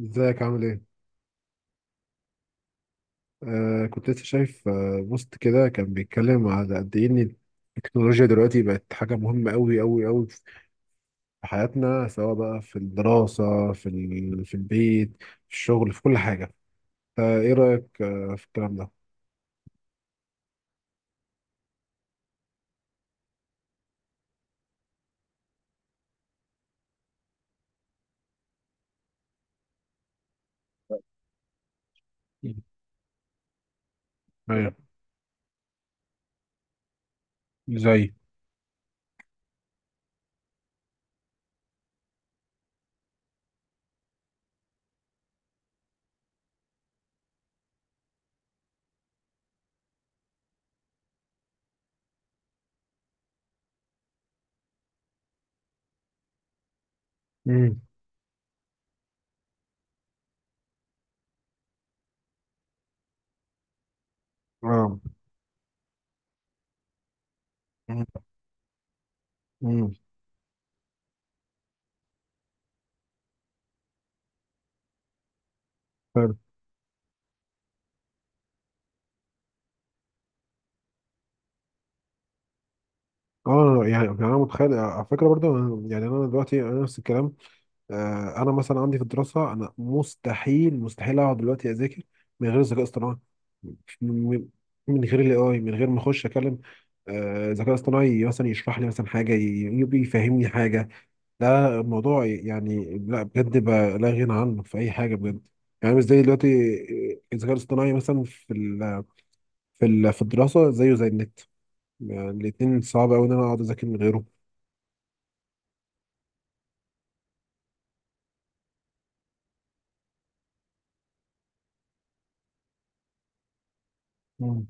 ازيك عامل ايه؟ آه، كنت لسه شايف بوست كده، كان بيتكلم على قد ايه ان التكنولوجيا دلوقتي بقت حاجة مهمة أوي أوي أوي في حياتنا، سواء بقى في الدراسة، في ال... في البيت، في الشغل، في كل حاجة. آه ايه رأيك في الكلام ده؟ مم. ايوه. زي. امم. اه. امم. حلو. اه، يعني انا متخيل على فكره برضو. يعني انا دلوقتي انا نفس الكلام. آه، انا مثلا عندي في الدراسه، انا مستحيل مستحيل اقعد دلوقتي اذاكر من غير ذكاء اصطناعي، من من غير الـAI، من غير ما اخش اكلم ذكاء اصطناعي مثلا يشرح لي مثلا حاجه، ي- يبي يفهمني حاجه. لا الموضوع يعني لا بجد بقى لا غنى عنه في اي حاجه بجد. يعني مش زي دلوقتي، آه، الذكاء الاصطناعي مثلا في ال في الدراسه زيه زي النت. يعني الاتنين صعب قوي ان انا اقعد اذاكر من غيره. مم.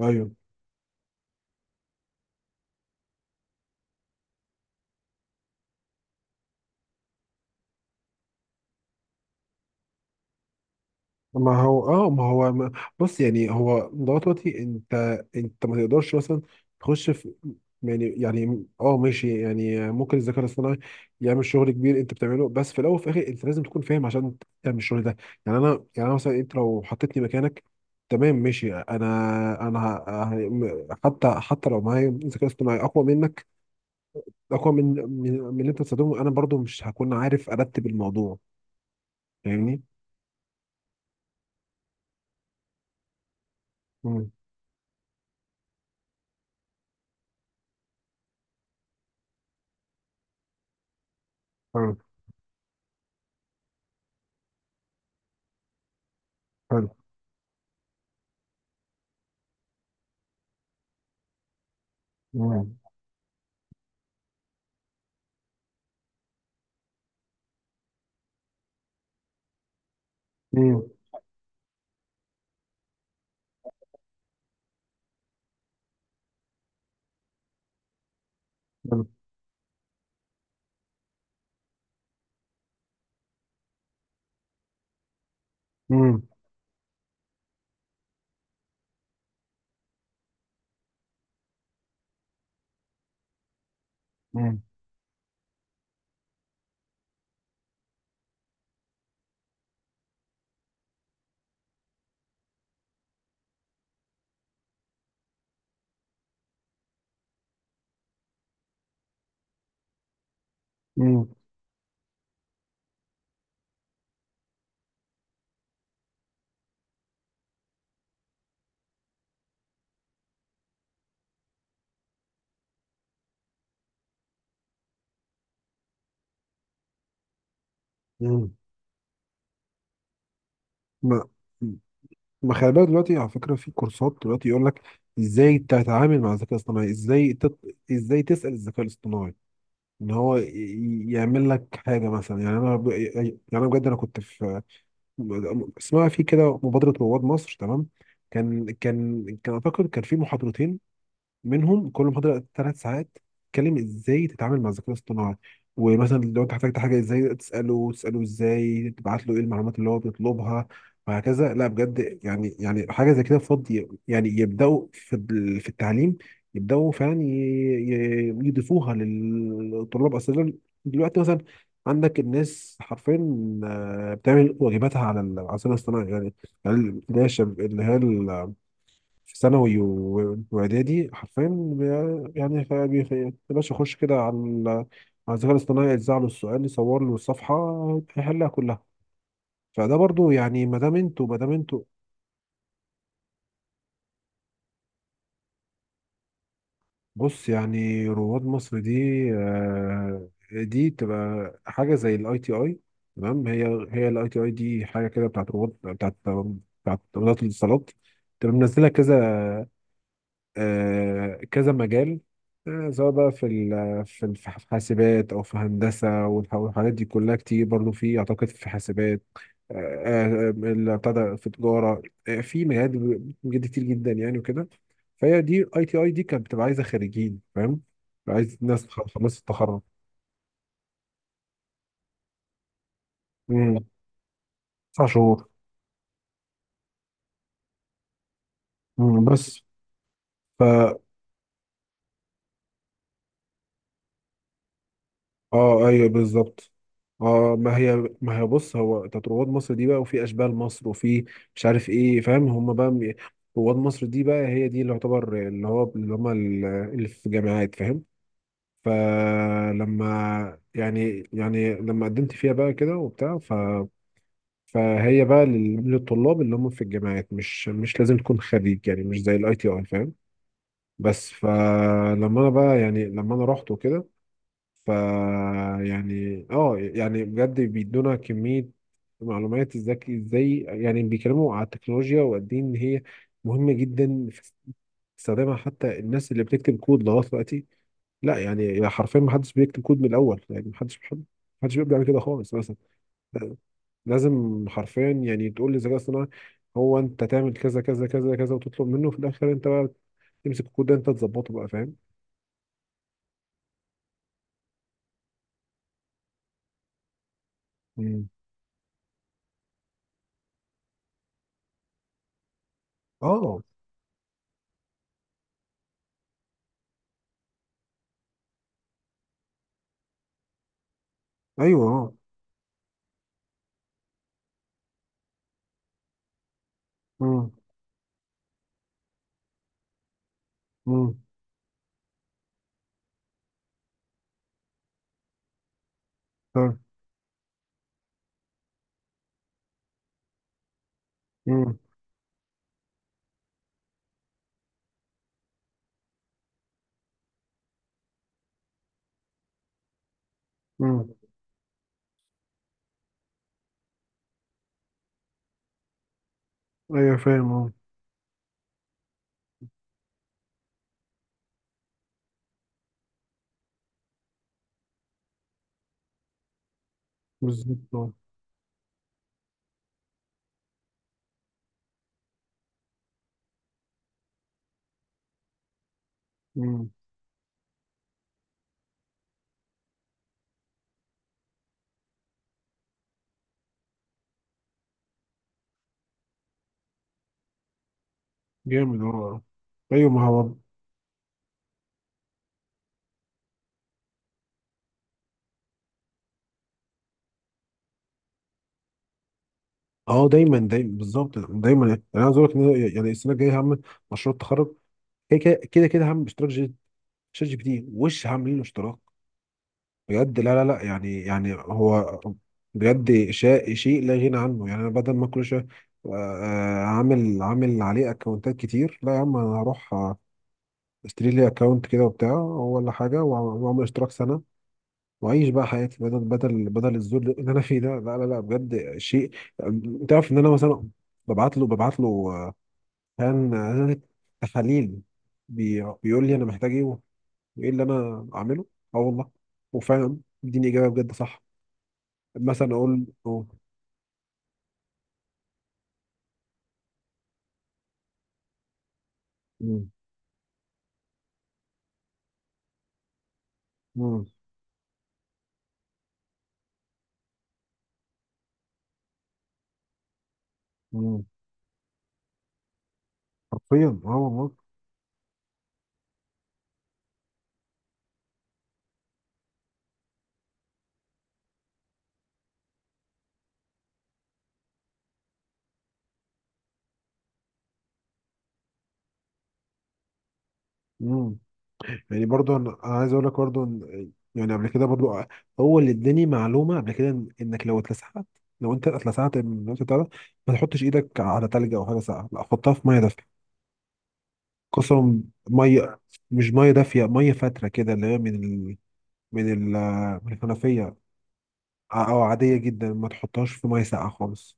ايوه. ما هو اه ما هو ما بص، يعني هو ضغط وقتي. انت ما تقدرش مثلا تخش في... يعني ماشي، يعني ممكن الذكاء الاصطناعي يعمل شغل كبير انت بتعمله، بس في الاول وفي الاخر انت لازم تكون فاهم عشان تعمل الشغل ده. يعني انا... يعني انا مثلا، انت لو حطيتني مكانك، تمام ماشي. انا حتى لو معايا ذكاء اصطناعي اقوى منك، اقوى من اللي انت بتستخدمه، انا برضو مش هكون عارف ارتب الموضوع، فاهمني؟ امم. حلو. حلو. امم. مم. مم. مم. مم. ما ما خلي بالك دلوقتي، على فكره، في كورسات دلوقتي يقول لك ازاي تتعامل مع الذكاء الاصطناعي، ازاي تت... ازاي تسال الذكاء الاصطناعي ان هو يعمل لك حاجه مثلا. يعني انا ب... يعني انا بجد انا كنت في... اسمها في كده مبادره رواد مصر، تمام. كان اعتقد كان في محاضرتين، منهم كل محاضرة 3 ساعات، تتكلم ازاي تتعامل مع الذكاء الاصطناعي، ومثلا لو انت احتجت حاجة ازاي تسأله ازاي تبعت له ايه المعلومات اللي هو بيطلبها وهكذا. لا بجد، يعني حاجة زي كده فاضي، يعني يبدأوا في ال- في التعليم، يبدأوا فعلا يضيفوها للطلاب أصلا. دلوقتي مثلا عندك الناس حرفيا آه، بتعمل واجباتها على ال- على الذكاء الاصطناعي. يعني يعني اللي هي اللي هي في ثانوي واعدادي حرفيا يا باشا اخش كده على ال- على الذكاء الاصطناعي، يجزع له السؤال، يصور له الصفحه، يحلها كلها. فده برضو يعني ما دام انتوا... بص، يعني رواد مصر دي آه، دي تبقى حاجه زي الـITI، تمام؟ هي الـITI دي حاجه كده بتاعت رواد، بتاعت وزاره الاتصالات، تبقى منزله كذا آه، كذا مجال، آه، سواء بقى في ال- في ال- في حاسبات او في هندسه والحاجات دي كلها كتير. برضو في اعتقد في حاسبات، آه، آه، اللي ابتدى في تجاره، آه، في مجالات بجد كتير جدا، يعني وكده. فهي دي ITI دي كانت بتبقى عايزه خريجين، فاهم؟ عايز ناس خلصت التخرج. مم. 9 شهور. مم، بس... اه ايوه بالظبط. اه، ما هي بص، هو بتاعت رواد مصر دي بقى، وفي اشبال مصر، وفي... مش عارف ايه، فاهم؟ هم بقى رواد مصر دي بقى هي دي اللي يعتبر اللي هو اللي هم ال- اللي في جامعات، فاهم؟ فلما لما قدمت فيها بقى كده وبتاع، ف... فهي بقى لل- للطلاب اللي هم في الجامعات، مش لازم تكون خريج، يعني مش زي الـITI، فاهم؟ بس فلما انا بقى يعني لما انا رحت وكده، ف... يعني يعني بجد بيدونا كمية معلومات، ازاي يعني بيتكلموا على التكنولوجيا وقد ايه ان هي مهمة جدا في استخدامها، حتى الناس اللي بتكتب كود لغاية دلوقتي. لا يعني حرفيا، ما حدش بيكتب كود من الاول، يعني ما حدش بيبدأ من كده خالص مثلا. لا، لازم حرفيا، يعني تقول للذكاء الصناعي هو انت تعمل كذا كذا كذا كذا، وتطلب منه في الاخر انت بقى تمسك الكود ده انت تظبطه بقى، فاهم؟ مم. اه ايوه اه. مم. مم. مم. مم. ايوه فاهم اه. بالظبط اه. مم. جامد اه. ايوه، ما هو اه. دايما دايما بالظبط دايما، يعني انا عايز اقول لك ان أنا يعني السنه الجايه هم مشروع التخرج، كده كده كده كده، هم ChatGPT، وش عاملين له اشتراك. بجد لا لا لا، يعني هو بجد، شيء لا غنى عنه، يعني انا بدل ما كل شويه آه، عامل عليه اكونتات كتير. لا يا عم، انا هروح آه، اشتري لي اكونت كده وبتاع ولا حاجه، واعمل اشتراك سنه واعيش بقى حياتي، بدل الذل اللي انا فيه ده. لا لا لا بجد، شيء... انت عارف ان انا مثلا ببعت له آه، كان آه، تحاليل، بيقول لي انا محتاج ايه وايه اللي انا اعمله. اه والله، وفعلا اديني اجابه بجد صح. مثلا اقول له... مم، مم، مم، حرفيا اه والله. مم. يعني برضو أنا عايز اقول لك برضو إن-... يعني قبل كده برضو هو اللي اداني معلومه قبل كده إن-... انك لو اتلسعت، لو انت اتلسعت من الوقت بتاع ده، ما تحطش ايدك على تلج او حاجه ساقعه، لا حطها في ميه دافيه. قسم. ميه... مش ميه دافيه، ميه فاتره كده اللي هي من ال... من ال... من الحنفيه، او عاديه جدا، ما تحطهاش في ميه ساقعه خالص.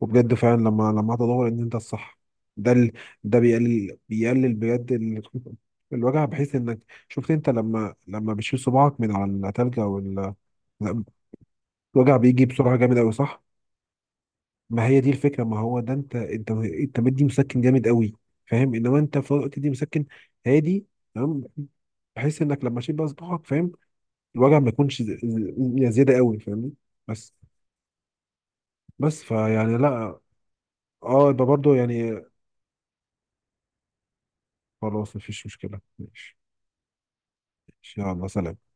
وبجد فعلا لما تدور ان انت الصح، ده ال... ده بيقلل بجد ال... الوجع، بحيث انك... شفت انت لما بتشيل صباعك من على التلج او ال... الوجع بيجي بسرعه جامد قوي، صح؟ ما هي دي الفكره، ما هو ده انت مدي مسكن جامد قوي، فاهم؟ انما انت في وقت دي مسكن هادي، تمام؟ بحيث انك لما تشيل بقى صباعك، فاهم؟ الوجع ما يكونش يعني زياده قوي، فاهمني؟ بس. بس فيعني لا... اه، يبقى برضه يعني... خلاص، مفيش مشكله، ماشي. ان شاء الله، سلام.